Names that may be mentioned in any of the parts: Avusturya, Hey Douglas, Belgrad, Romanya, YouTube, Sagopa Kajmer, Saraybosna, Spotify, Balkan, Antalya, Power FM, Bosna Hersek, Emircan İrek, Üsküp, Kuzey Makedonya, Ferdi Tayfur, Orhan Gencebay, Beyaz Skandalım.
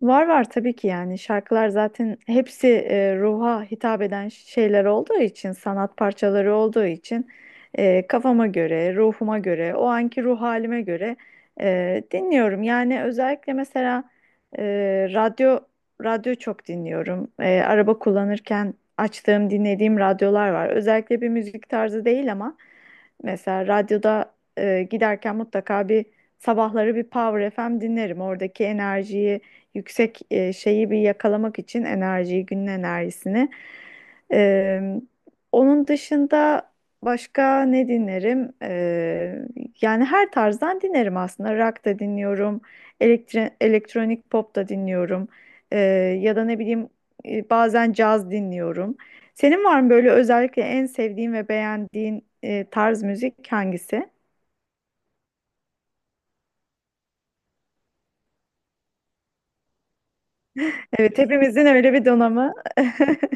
Var var tabii ki yani şarkılar zaten hepsi ruha hitap eden şeyler olduğu için, sanat parçaları olduğu için kafama göre, ruhuma göre, o anki ruh halime göre dinliyorum. Yani özellikle mesela e, radyo radyo çok dinliyorum. Araba kullanırken açtığım, dinlediğim radyolar var. Özellikle bir müzik tarzı değil ama mesela radyoda giderken mutlaka bir sabahları bir Power FM dinlerim. Oradaki enerjiyi yüksek şeyi, bir yakalamak için enerjiyi, günün enerjisini. Ee, Onun dışında başka ne dinlerim? Yani her tarzdan dinlerim aslında. Rock da dinliyorum, elektronik pop da dinliyorum. Ee, Ya da ne bileyim bazen caz dinliyorum. Senin var mı böyle özellikle en sevdiğin ve beğendiğin tarz müzik hangisi? Evet, hepimizin öyle bir donamı.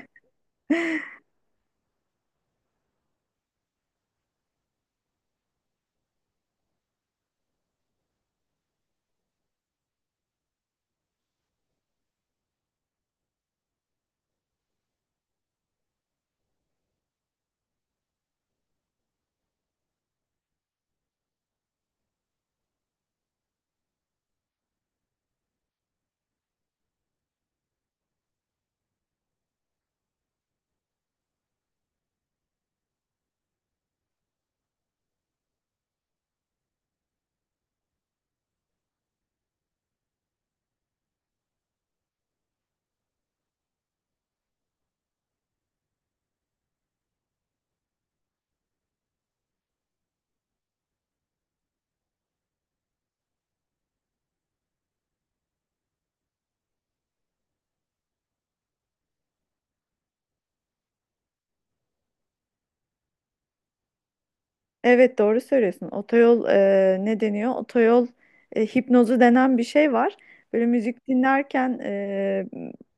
Evet, doğru söylüyorsun. Otoyol ne deniyor? Otoyol hipnozu denen bir şey var. Böyle müzik dinlerken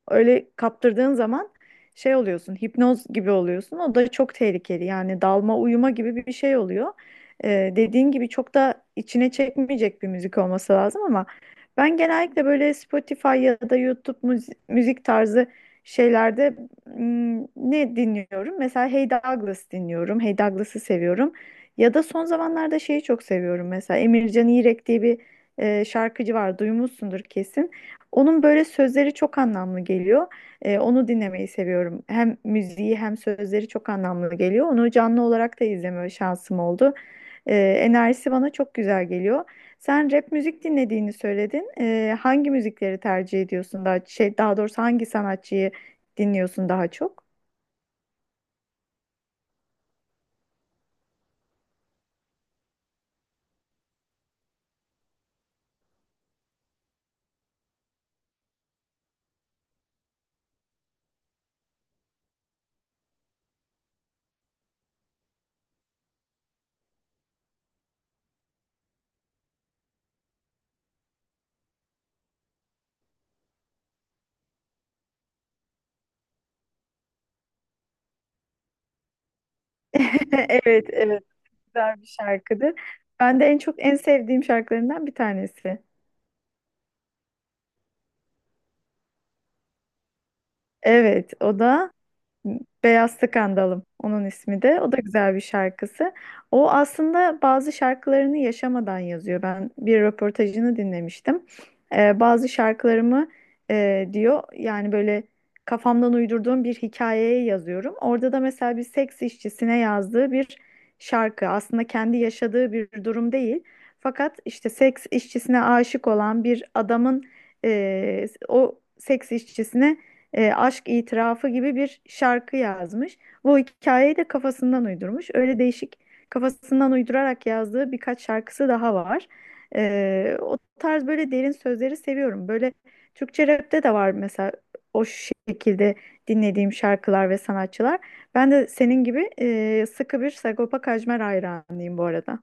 öyle kaptırdığın zaman şey oluyorsun, hipnoz gibi oluyorsun. O da çok tehlikeli. Yani dalma, uyuma gibi bir şey oluyor. Dediğin gibi çok da içine çekmeyecek bir müzik olması lazım ama ben genellikle böyle Spotify ya da YouTube müzik tarzı şeylerde ne dinliyorum? Mesela Hey Douglas dinliyorum. Hey Douglas'ı seviyorum. Ya da son zamanlarda şeyi çok seviyorum, mesela Emircan İrek diye bir şarkıcı var, duymuşsundur kesin. Onun böyle sözleri çok anlamlı geliyor. Onu dinlemeyi seviyorum. Hem müziği hem sözleri çok anlamlı geliyor. Onu canlı olarak da izleme şansım oldu. Enerjisi bana çok güzel geliyor. Sen rap müzik dinlediğini söyledin. Hangi müzikleri tercih ediyorsun, daha şey, daha doğrusu hangi sanatçıyı dinliyorsun daha çok? Evet, evet, güzel bir şarkıdır. Ben de en çok en sevdiğim şarkılarından bir tanesi. Evet, o da Beyaz Skandalım, onun ismi de. O da güzel bir şarkısı. O aslında bazı şarkılarını yaşamadan yazıyor. Ben bir röportajını dinlemiştim. Bazı şarkılarımı diyor, yani böyle kafamdan uydurduğum bir hikayeye yazıyorum. Orada da mesela bir seks işçisine yazdığı bir şarkı. Aslında kendi yaşadığı bir durum değil. Fakat işte seks işçisine aşık olan bir adamın o seks işçisine aşk itirafı gibi bir şarkı yazmış. Bu hikayeyi de kafasından uydurmuş. Öyle değişik, kafasından uydurarak yazdığı birkaç şarkısı daha var. O tarz böyle derin sözleri seviyorum. Böyle Türkçe rapte de var mesela o şekilde dinlediğim şarkılar ve sanatçılar. Ben de senin gibi sıkı bir Sagopa Kajmer hayranıyım bu arada.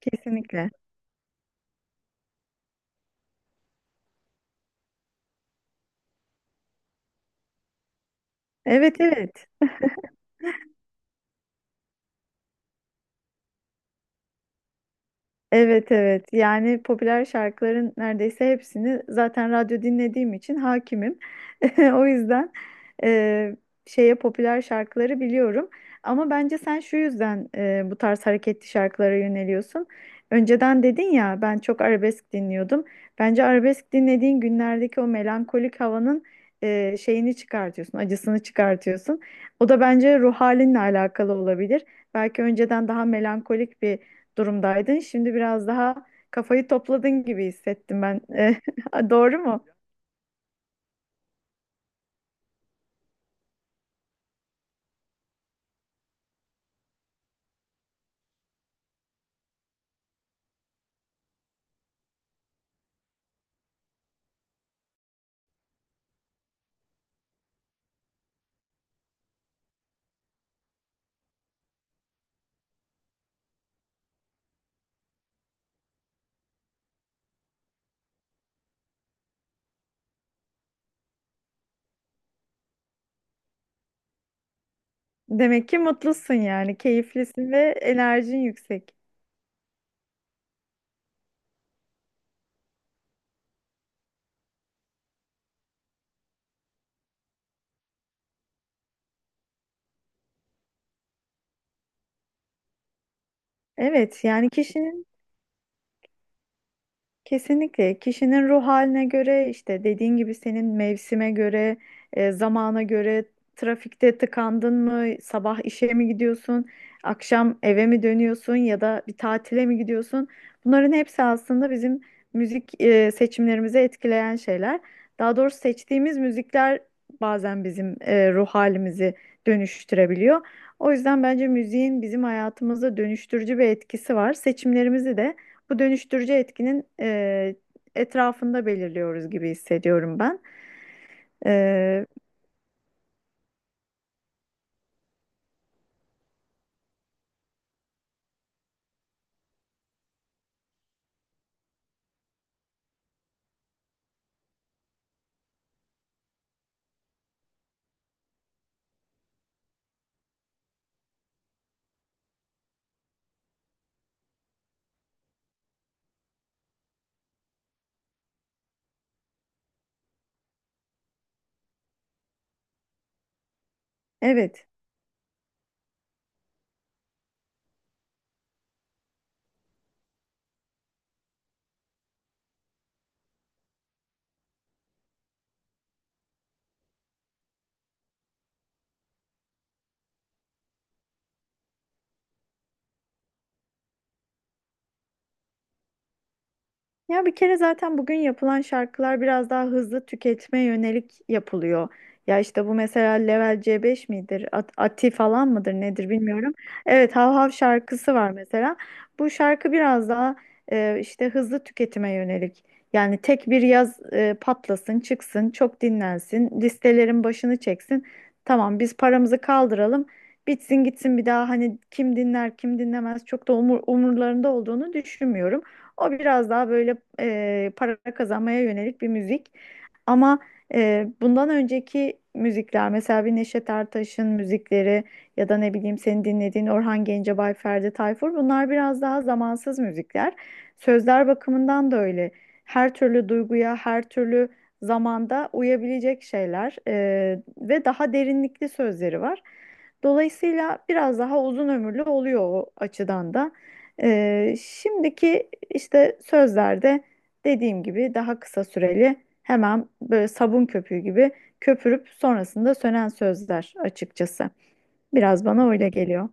Kesinlikle. Evet, evet. Evet, evet, yani popüler şarkıların neredeyse hepsini zaten radyo dinlediğim için hakimim. O yüzden e, şeye popüler şarkıları biliyorum. Ama bence sen şu yüzden bu tarz hareketli şarkılara yöneliyorsun. Önceden dedin ya ben çok arabesk dinliyordum. Bence arabesk dinlediğin günlerdeki o melankolik havanın şeyini çıkartıyorsun, acısını çıkartıyorsun. O da bence ruh halinle alakalı olabilir. Belki önceden daha melankolik bir durumdaydın. Şimdi biraz daha kafayı topladın gibi hissettim ben. Eh, doğru mu? Demek ki mutlusun yani, keyiflisin ve enerjin yüksek. Evet, yani kişinin. Kesinlikle kişinin ruh haline göre işte dediğin gibi, senin mevsime göre, zamana göre, trafikte tıkandın mı, sabah işe mi gidiyorsun, akşam eve mi dönüyorsun, ya da bir tatile mi gidiyorsun? Bunların hepsi aslında bizim müzik seçimlerimizi etkileyen şeyler. Daha doğrusu seçtiğimiz müzikler bazen bizim ruh halimizi dönüştürebiliyor. O yüzden bence müziğin bizim hayatımızda dönüştürücü bir etkisi var. Seçimlerimizi de bu dönüştürücü etkinin etrafında belirliyoruz gibi hissediyorum ben. E, evet. Ya bir kere zaten bugün yapılan şarkılar biraz daha hızlı tüketme yönelik yapılıyor. Ya işte bu mesela Level C5 midir? Ati falan mıdır nedir bilmiyorum. Evet, Hav Hav şarkısı var mesela. Bu şarkı biraz daha işte hızlı tüketime yönelik. Yani tek bir yaz patlasın, çıksın, çok dinlensin, listelerin başını çeksin. Tamam, biz paramızı kaldıralım. Bitsin gitsin, bir daha hani kim dinler kim dinlemez çok da umur, umurlarında olduğunu düşünmüyorum. O biraz daha böyle para kazanmaya yönelik bir müzik. Ama bundan önceki müzikler, mesela bir Neşet Ertaş'ın müzikleri, ya da ne bileyim senin dinlediğin Orhan Gencebay, Ferdi Tayfur, bunlar biraz daha zamansız müzikler. Sözler bakımından da öyle. Her türlü duyguya, her türlü zamanda uyabilecek şeyler ve daha derinlikli sözleri var. Dolayısıyla biraz daha uzun ömürlü oluyor o açıdan da. Şimdiki işte sözlerde dediğim gibi daha kısa süreli. Hemen böyle sabun köpüğü gibi köpürüp sonrasında sönen sözler açıkçası. Biraz bana öyle geliyor.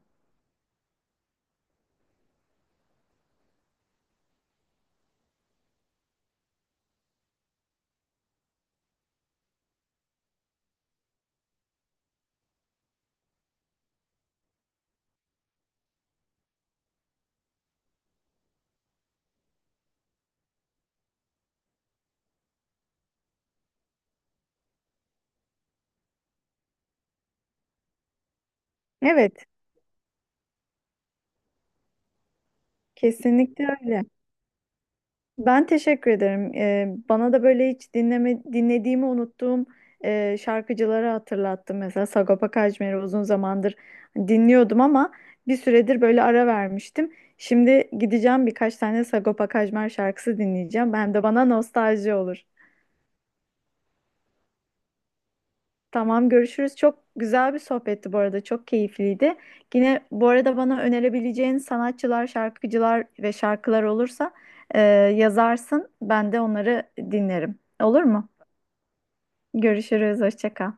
Evet, kesinlikle öyle. Ben teşekkür ederim. Bana da böyle hiç dinleme, dinlediğimi unuttuğum şarkıcıları hatırlattım. Mesela Sagopa Kajmer'i uzun zamandır dinliyordum ama bir süredir böyle ara vermiştim. Şimdi gideceğim, birkaç tane Sagopa Kajmer şarkısı dinleyeceğim. Hem de bana nostalji olur. Tamam, görüşürüz. Çok güzel bir sohbetti bu arada. Çok keyifliydi. Yine bu arada bana önerebileceğin sanatçılar, şarkıcılar ve şarkılar olursa yazarsın. Ben de onları dinlerim. Olur mu? Görüşürüz. Hoşça kal.